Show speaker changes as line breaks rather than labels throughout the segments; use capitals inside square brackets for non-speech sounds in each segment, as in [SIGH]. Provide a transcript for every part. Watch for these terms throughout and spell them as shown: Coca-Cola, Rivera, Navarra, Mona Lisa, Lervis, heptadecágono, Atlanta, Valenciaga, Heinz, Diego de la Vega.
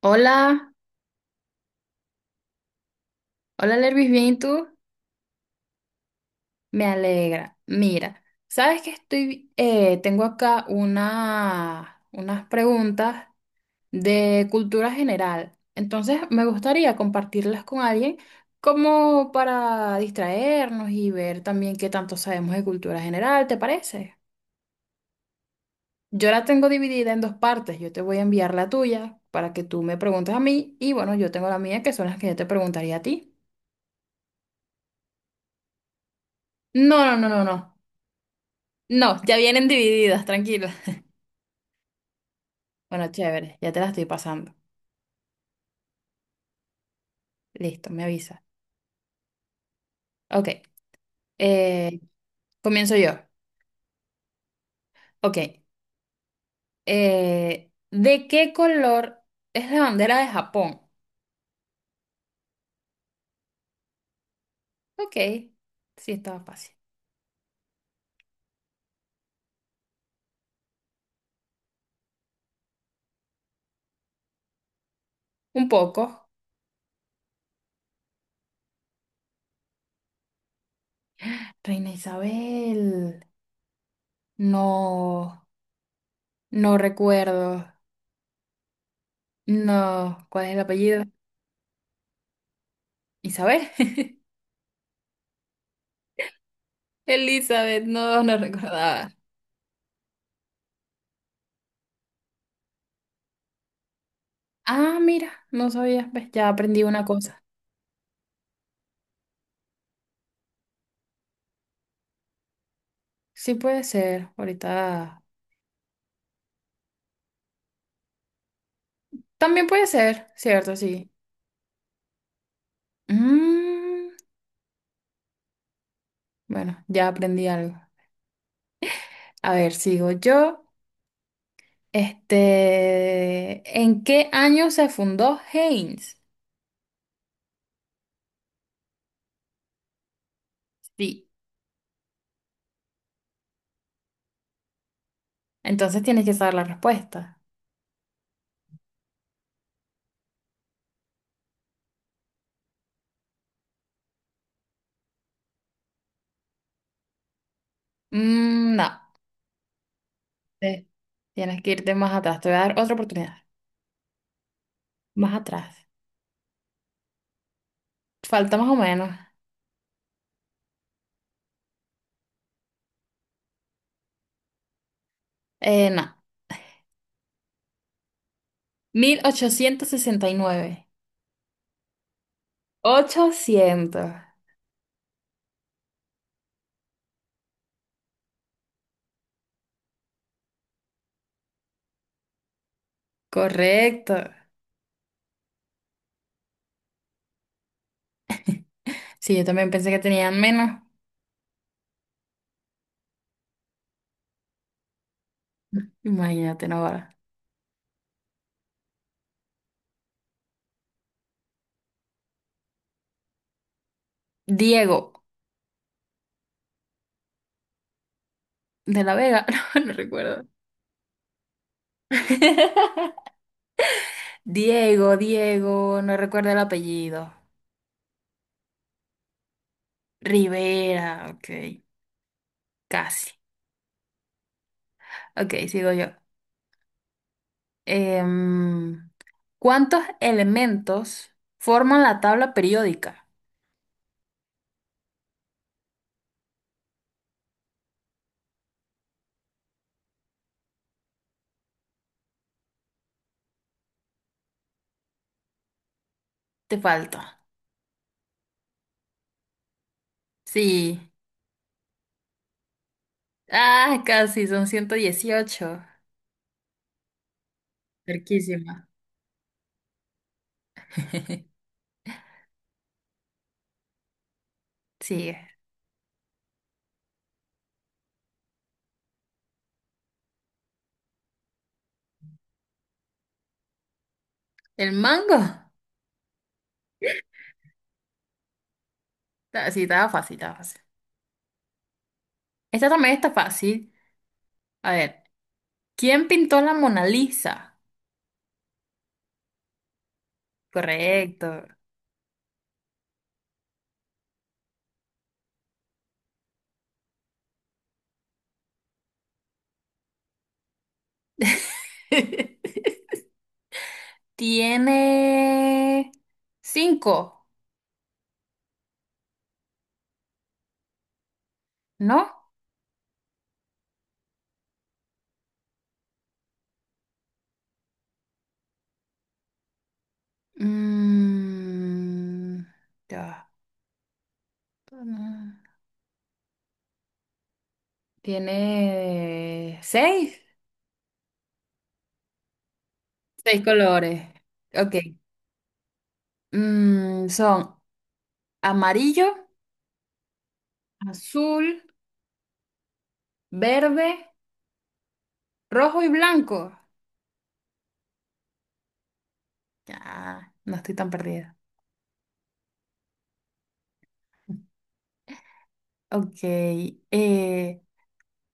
Hola, hola Lervis, ¿bien y tú? Me alegra. Mira, sabes que estoy, tengo acá unas preguntas de cultura general. Entonces me gustaría compartirlas con alguien como para distraernos y ver también qué tanto sabemos de cultura general, ¿te parece? Yo la tengo dividida en dos partes. Yo te voy a enviar la tuya para que tú me preguntes a mí y bueno, yo tengo la mía que son las que yo te preguntaría a ti. No, no, no, no, no. No, ya vienen divididas, tranquila. Bueno, chévere, ya te la estoy pasando. Listo, me avisa. Ok, eh, comienzo yo. Ok, ¿de qué color es la bandera de Japón? Ok, sí, estaba fácil. Un poco. Reina Isabel. No, no recuerdo. No, ¿cuál es el apellido? Isabel. [LAUGHS] Elizabeth, no, no recordaba. Ah, mira, no sabía, ves, ya aprendí una cosa. Sí puede ser, ahorita. También puede ser, ¿cierto? Sí. Mm, bueno, ya aprendí algo. A ver, sigo yo. Este, ¿en qué año se fundó Heinz? Sí. Entonces tienes que saber la respuesta. Mm, no. Eh, Tienes que irte más atrás. Te voy a dar otra oportunidad. Más atrás. Falta más o menos. No. 1869. 800. Correcto. Sí, yo también pensé que tenían menos. Imagínate, Navarra. Diego de la Vega, [LAUGHS] no, no recuerdo. [LAUGHS] Diego, no recuerdo el apellido. Rivera, ok, casi. Ok, sigo yo. Em, ¿Cuántos elementos forman la tabla periódica? Te falta. Sí. Ah, casi, son 118. Cerquísima. [LAUGHS] Sigue. ¿El mango? Ah, sí, estaba fácil, estaba fácil. Esta también está fácil. A ver. ¿Quién pintó la Mona Lisa? Correcto. [LAUGHS] Tiene cinco, ¿no? Mm, ya. Tiene seis. Seis colores. Ok. Mm, son amarillo, azul, verde, rojo y blanco. Ya, no estoy tan perdida. Ok.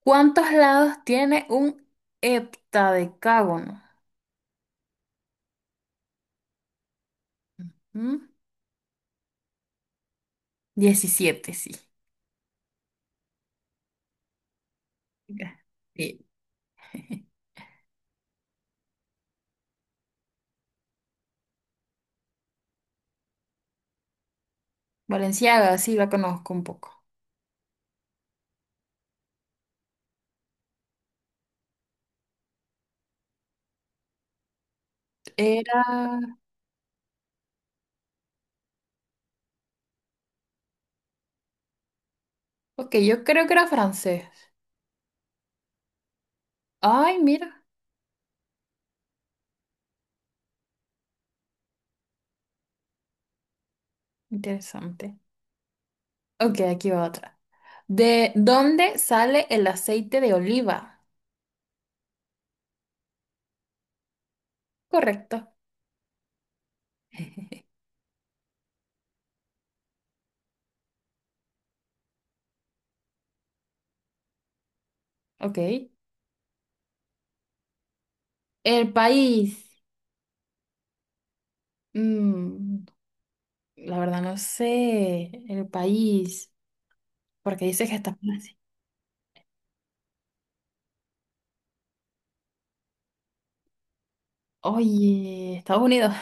¿Cuántos lados tiene un heptadecágono? ¿Mm? 17, sí. Ya, sí. [LAUGHS] Valenciaga, sí, la conozco un poco. Era... Ok, yo creo que era francés. Ay, mira, interesante. Ok, aquí va otra. ¿De dónde sale el aceite de oliva? Correcto. Ok. El país. Mm, la verdad no sé. El país. Porque dice que está... Oye, Estados Unidos.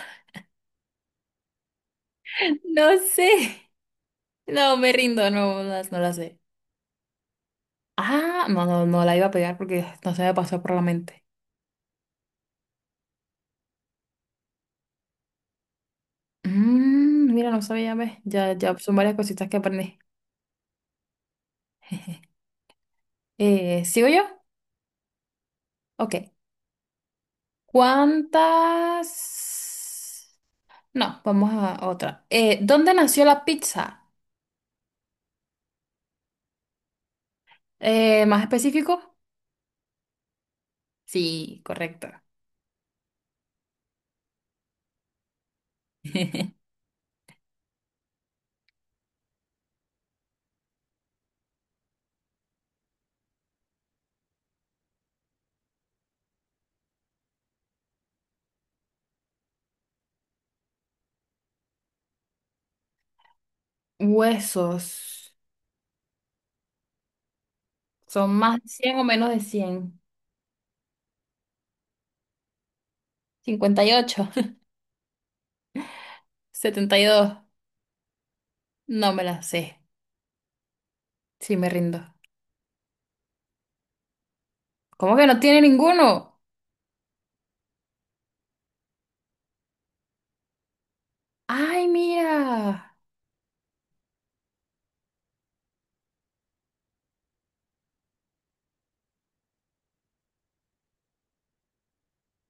No sé. No, me rindo, no, no, no la sé. Ah, no, no, no la iba a pegar porque no se me pasó por la mente. Mm, mira, no sabía, ¿ves? Ya, ya son varias cositas que aprendí. [LAUGHS] ¿Sigo yo? Ok. ¿Cuántas? No, vamos a otra. ¿Dónde nació la pizza? ¿Más específico? Sí, correcto. [LAUGHS] Huesos. ¿Son más de 100 o menos de cien? 58. [LAUGHS] 72. No me la sé. Sí, me rindo. ¿Cómo que no tiene ninguno? Ay, mira.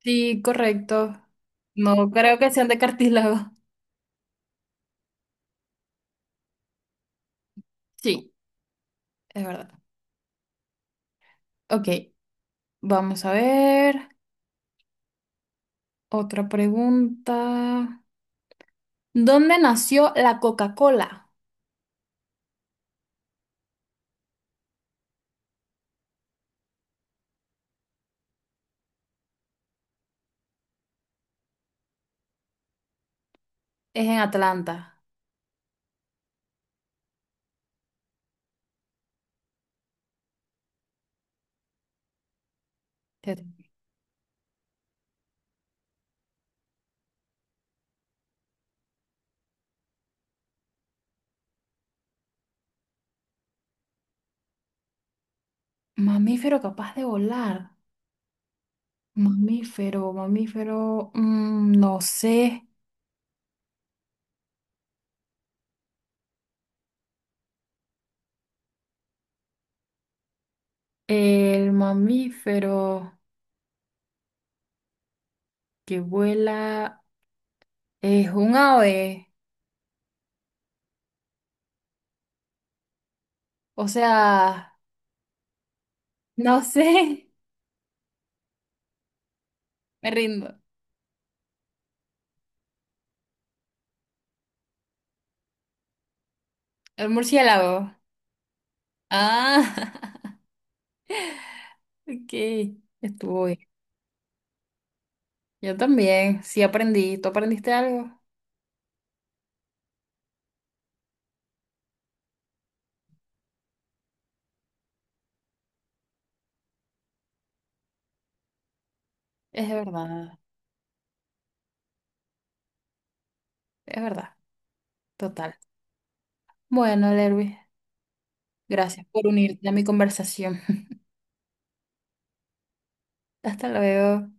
Sí, correcto. No creo que sean de cartílago. Sí, es verdad. Ok, vamos a ver. Otra pregunta. ¿Dónde nació la Coca-Cola? Es en Atlanta. Te- Mamífero capaz de volar. Mamífero. Mm, no sé. El mamífero que vuela. Es un ave. O sea, no [LAUGHS] sé. Me rindo. El murciélago. Ah, [LAUGHS] ok. Estuvo bien. Yo también. Sí aprendí. ¿Tú aprendiste algo? Es verdad. Es verdad. Total. Bueno, Lervis, gracias por unirte a mi conversación. [LAUGHS] Hasta luego.